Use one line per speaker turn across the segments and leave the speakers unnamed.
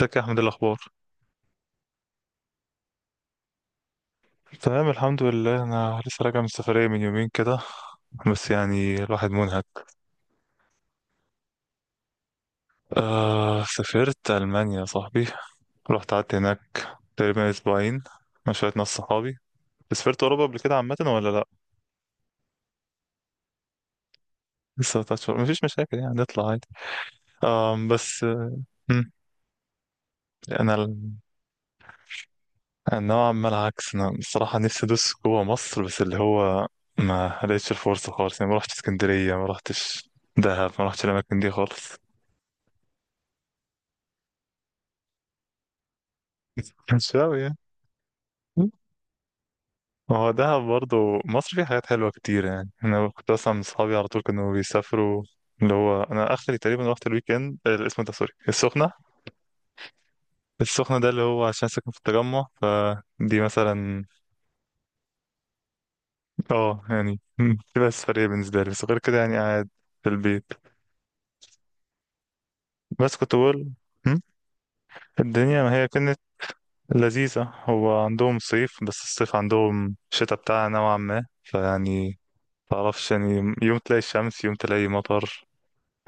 ازيك يا احمد؟ إيه الاخبار؟ تمام الحمد لله. انا لسه راجع من سفريه من يومين كده. بس يعني الواحد منهك. آه، سافرت المانيا يا صاحبي. رحت قعدت هناك تقريبا اسبوعين مع شويه ناس صحابي. بس سافرت اوروبا قبل كده عامه ولا لا؟ لسه تشهر مفيش مشاكل يعني نطلع عادي. آه بس مم، انا ال- أنا نوعا ما العكس. انا الصراحه نفسي ادوس جوه مصر، بس اللي هو ما لقيتش الفرصه خالص يعني. ما رحتش اسكندريه، ما رحتش دهب، ما رحتش الاماكن دي خالص. مش قوي يعني. ما هو دهب برضه مصر فيها حاجات حلوة كتير يعني. أنا كنت أسمع من صحابي على طول كانوا بيسافروا. اللي هو أنا آخري تقريبا رحت الويك إند، اسمه ده، سوري، السخنة. ده اللي هو عشان ساكن في التجمع، فدي مثلا. اه يعني، تبقى سفرية بالنسبة لي، بس غير كده يعني قاعد في البيت. بس كنت بقول، مم، الدنيا ما هي كانت لذيذة. هو عندهم صيف، بس الصيف عندهم شتاء بتاعها نوعا ما. فيعني متعرفش يعني، يوم تلاقي الشمس، يوم تلاقي مطر.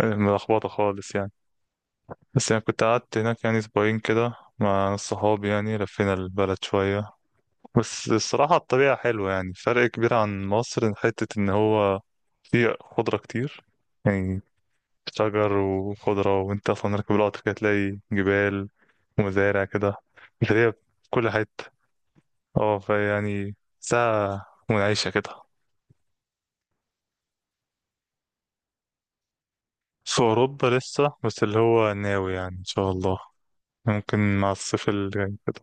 ملخبطة خالص يعني. بس يعني كنت قعدت هناك يعني أسبوعين كده مع ناس صحابي، يعني لفينا البلد شوية. بس الصراحة الطبيعة حلوة يعني، فرق كبير عن مصر. حتة إن هو فيه خضرة كتير يعني، شجر وخضرة. وأنت أصلا راكب القطر كده تلاقي جبال ومزارع كده، تلاقيها في كل حتة. اه فيعني ساعة منعشة كده. في أوروبا لسه، بس اللي هو ناوي يعني إن شاء الله ممكن مع الصيف اللي جاي كده.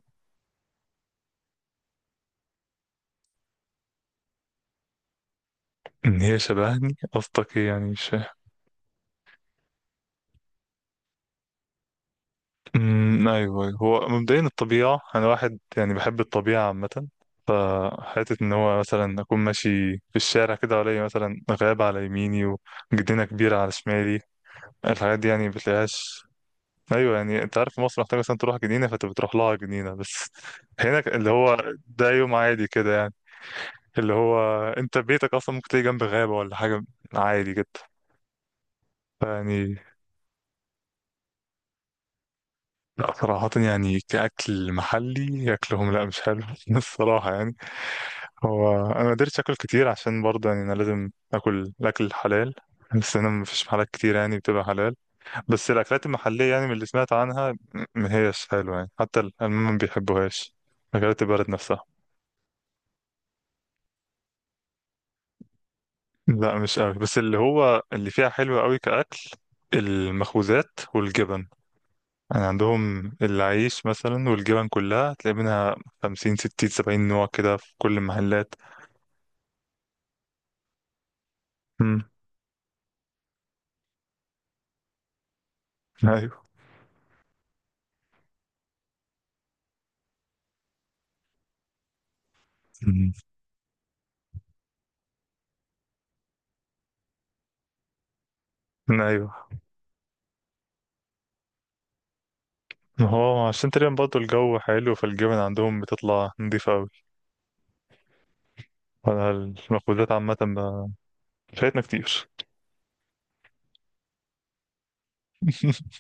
ان هي شبهني؟ قصدك ايه يعني؟ مش فاهم. أمم، ايوه أيوة. هو مبدئيا الطبيعه، انا واحد يعني بحب الطبيعه عامه. فحته ان هو مثلا اكون ماشي في الشارع كده، والاقي مثلا غابه على يميني وجنينه كبيره على شمالي. الحاجات دي يعني بتلاقيهاش. ايوه، يعني انت عارف، في مصر محتاج مثلا تروح جنينه، فانت بتروح لها جنينه بس. هنا اللي هو ده يوم عادي كده يعني. اللي هو انت بيتك اصلا ممكن تلاقي جنب غابه ولا حاجه، عادي جدا. يعني لا صراحة، يعني كأكل محلي، أكلهم لا، مش حلو الصراحة يعني. هو أنا ما قدرتش أكل كتير عشان برضه يعني أنا لازم أكل الأكل الحلال، بس أنا مفيش محلات كتير يعني بتبقى حلال. بس الأكلات المحلية يعني من اللي سمعت عنها ما هيش حلوة يعني. حتى الألمان ما بيحبوهاش، أكلات البلد نفسها. لا مش قوي، بس اللي هو اللي فيها حلو قوي كأكل، المخبوزات والجبن. يعني عندهم العيش مثلا والجبن كلها تلاقي منها خمسين ستين سبعين نوع كده في كل المحلات. امم. ايوه. مم. مم. ايوه. ما هو عشان تقريبا برضه الجو حلو، فالجبن عندهم بتطلع نضيفة أوي. وأنا المخبوزات عامة فايتنا كتير.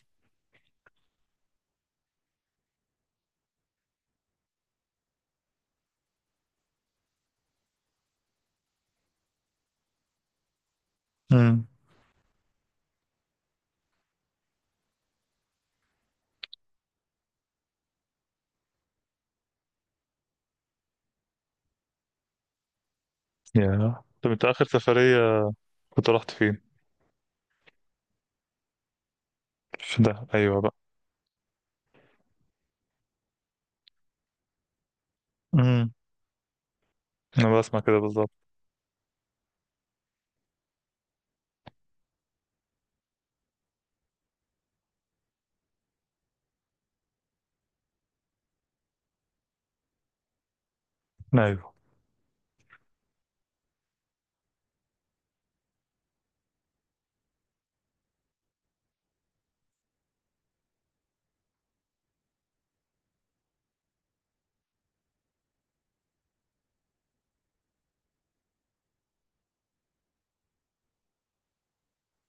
امم. يا. طب أنت آخر سفرية كنت رحت فين؟ في ده، أيوه بقى. امم، أنا بسمع كده بالظبط. أيوه.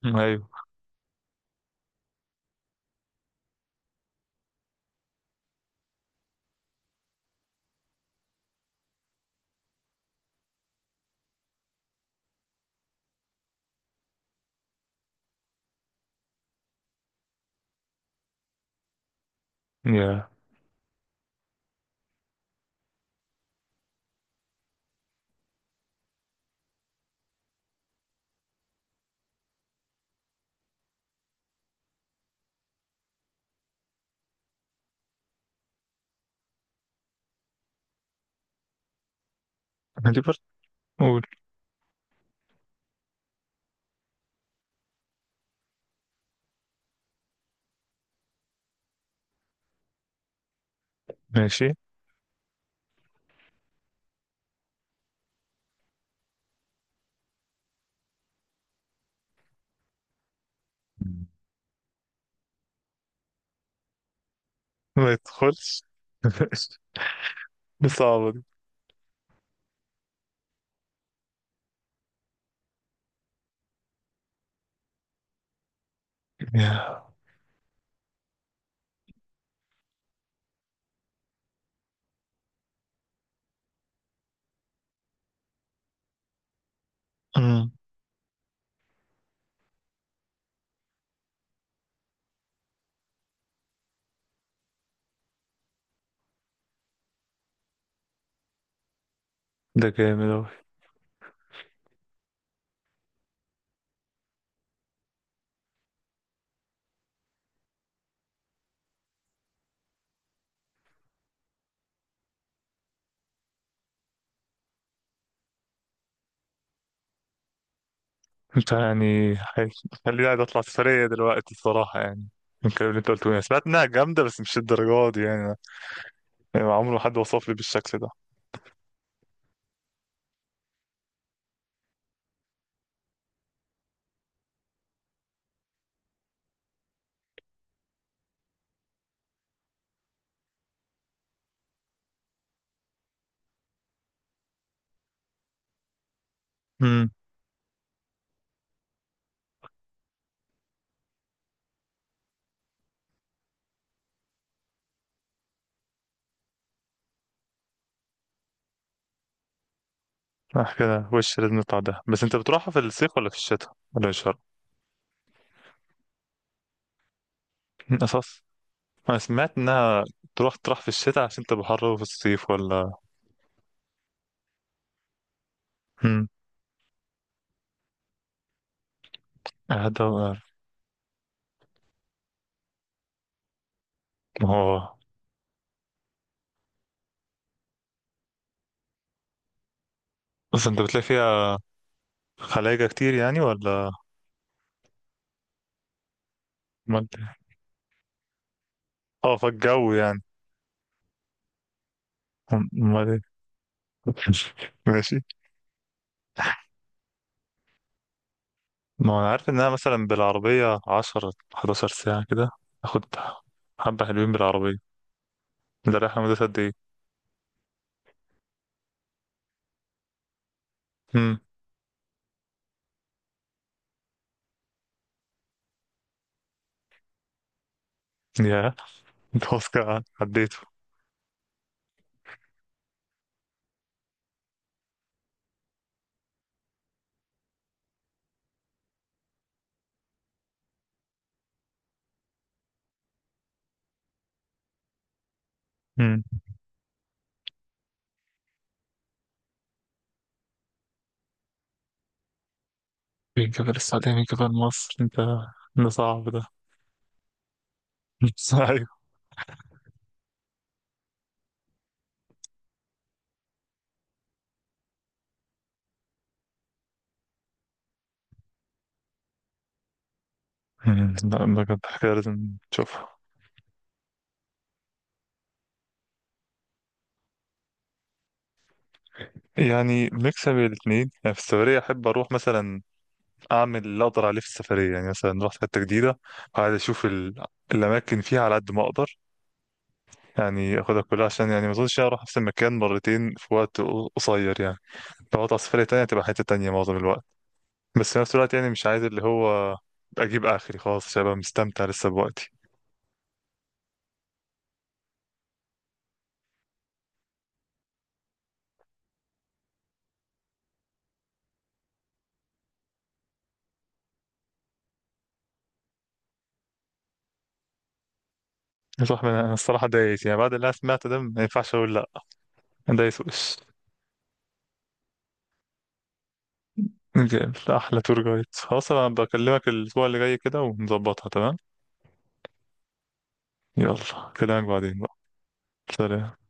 مم. أيوه. يا. دي برضه قول. ماشي. ما يدخلش. صعبة دي. يا. أمم. ده جامد أوي. أنت يعني خليني قاعد. أطلع سفرية دلوقتي الصراحة يعني، من الكلام اللي أنت قلته، يعني سمعت إنها جامدة بس مش الدرجة دي يعني. يعني عمره ما حد وصف لي بالشكل ده. امم. صح كده، وش لازم نطلع ده. بس أنت بتروحها في الصيف ولا في الشتاء ولا في الشرق؟ من أساس، أنا سمعت إنها تروح في الشتاء عشان تبقى حر أوي في الصيف، ولا؟ امم. هذا هو. ما هو، بس أنت بتلاقي فيها خلايجة كتير يعني ولا؟ أمال إيه؟ اه فالجو يعني. أمال إيه؟ ماشي. ما انا عارف انها مثلا بالعربية 10 11 ساعة كده. اخد حبة حلوين بالعربية. ده رايح مدة قد ايه؟ امم. يا. انت خلاص كده عديته. امم. من جبل السعودية من جبل مصر انت؟ ده صعب ده. ايوه. مم. لا ده كانت حكاية لازم تشوفها. يعني ميكس بين الاتنين يعني. في السفرية أحب أروح مثلا، أعمل اللي أقدر عليه في السفرية. يعني مثلا رحت حتة جديدة، وعايز أشوف الأماكن فيها على قد ما أقدر. يعني اخدها كلها، عشان يعني ما اظنش اروح نفس المكان مرتين في وقت قصير يعني. لو هطلع سفرية تانية هتبقى حتة تانية معظم الوقت. بس في نفس الوقت يعني مش عايز اللي هو اجيب اخري خلاص، عشان ابقى مستمتع لسه بوقتي. صح من انا الصراحة دايس يعني. بعد اللي انا سمعته ده ما ينفعش اقول لا. دايس وش. جامد. لا، احلى تور جايد. خلاص انا بكلمك الاسبوع اللي جاي كده ونظبطها. تمام. يلا كلامك بعدين بقى. سلام.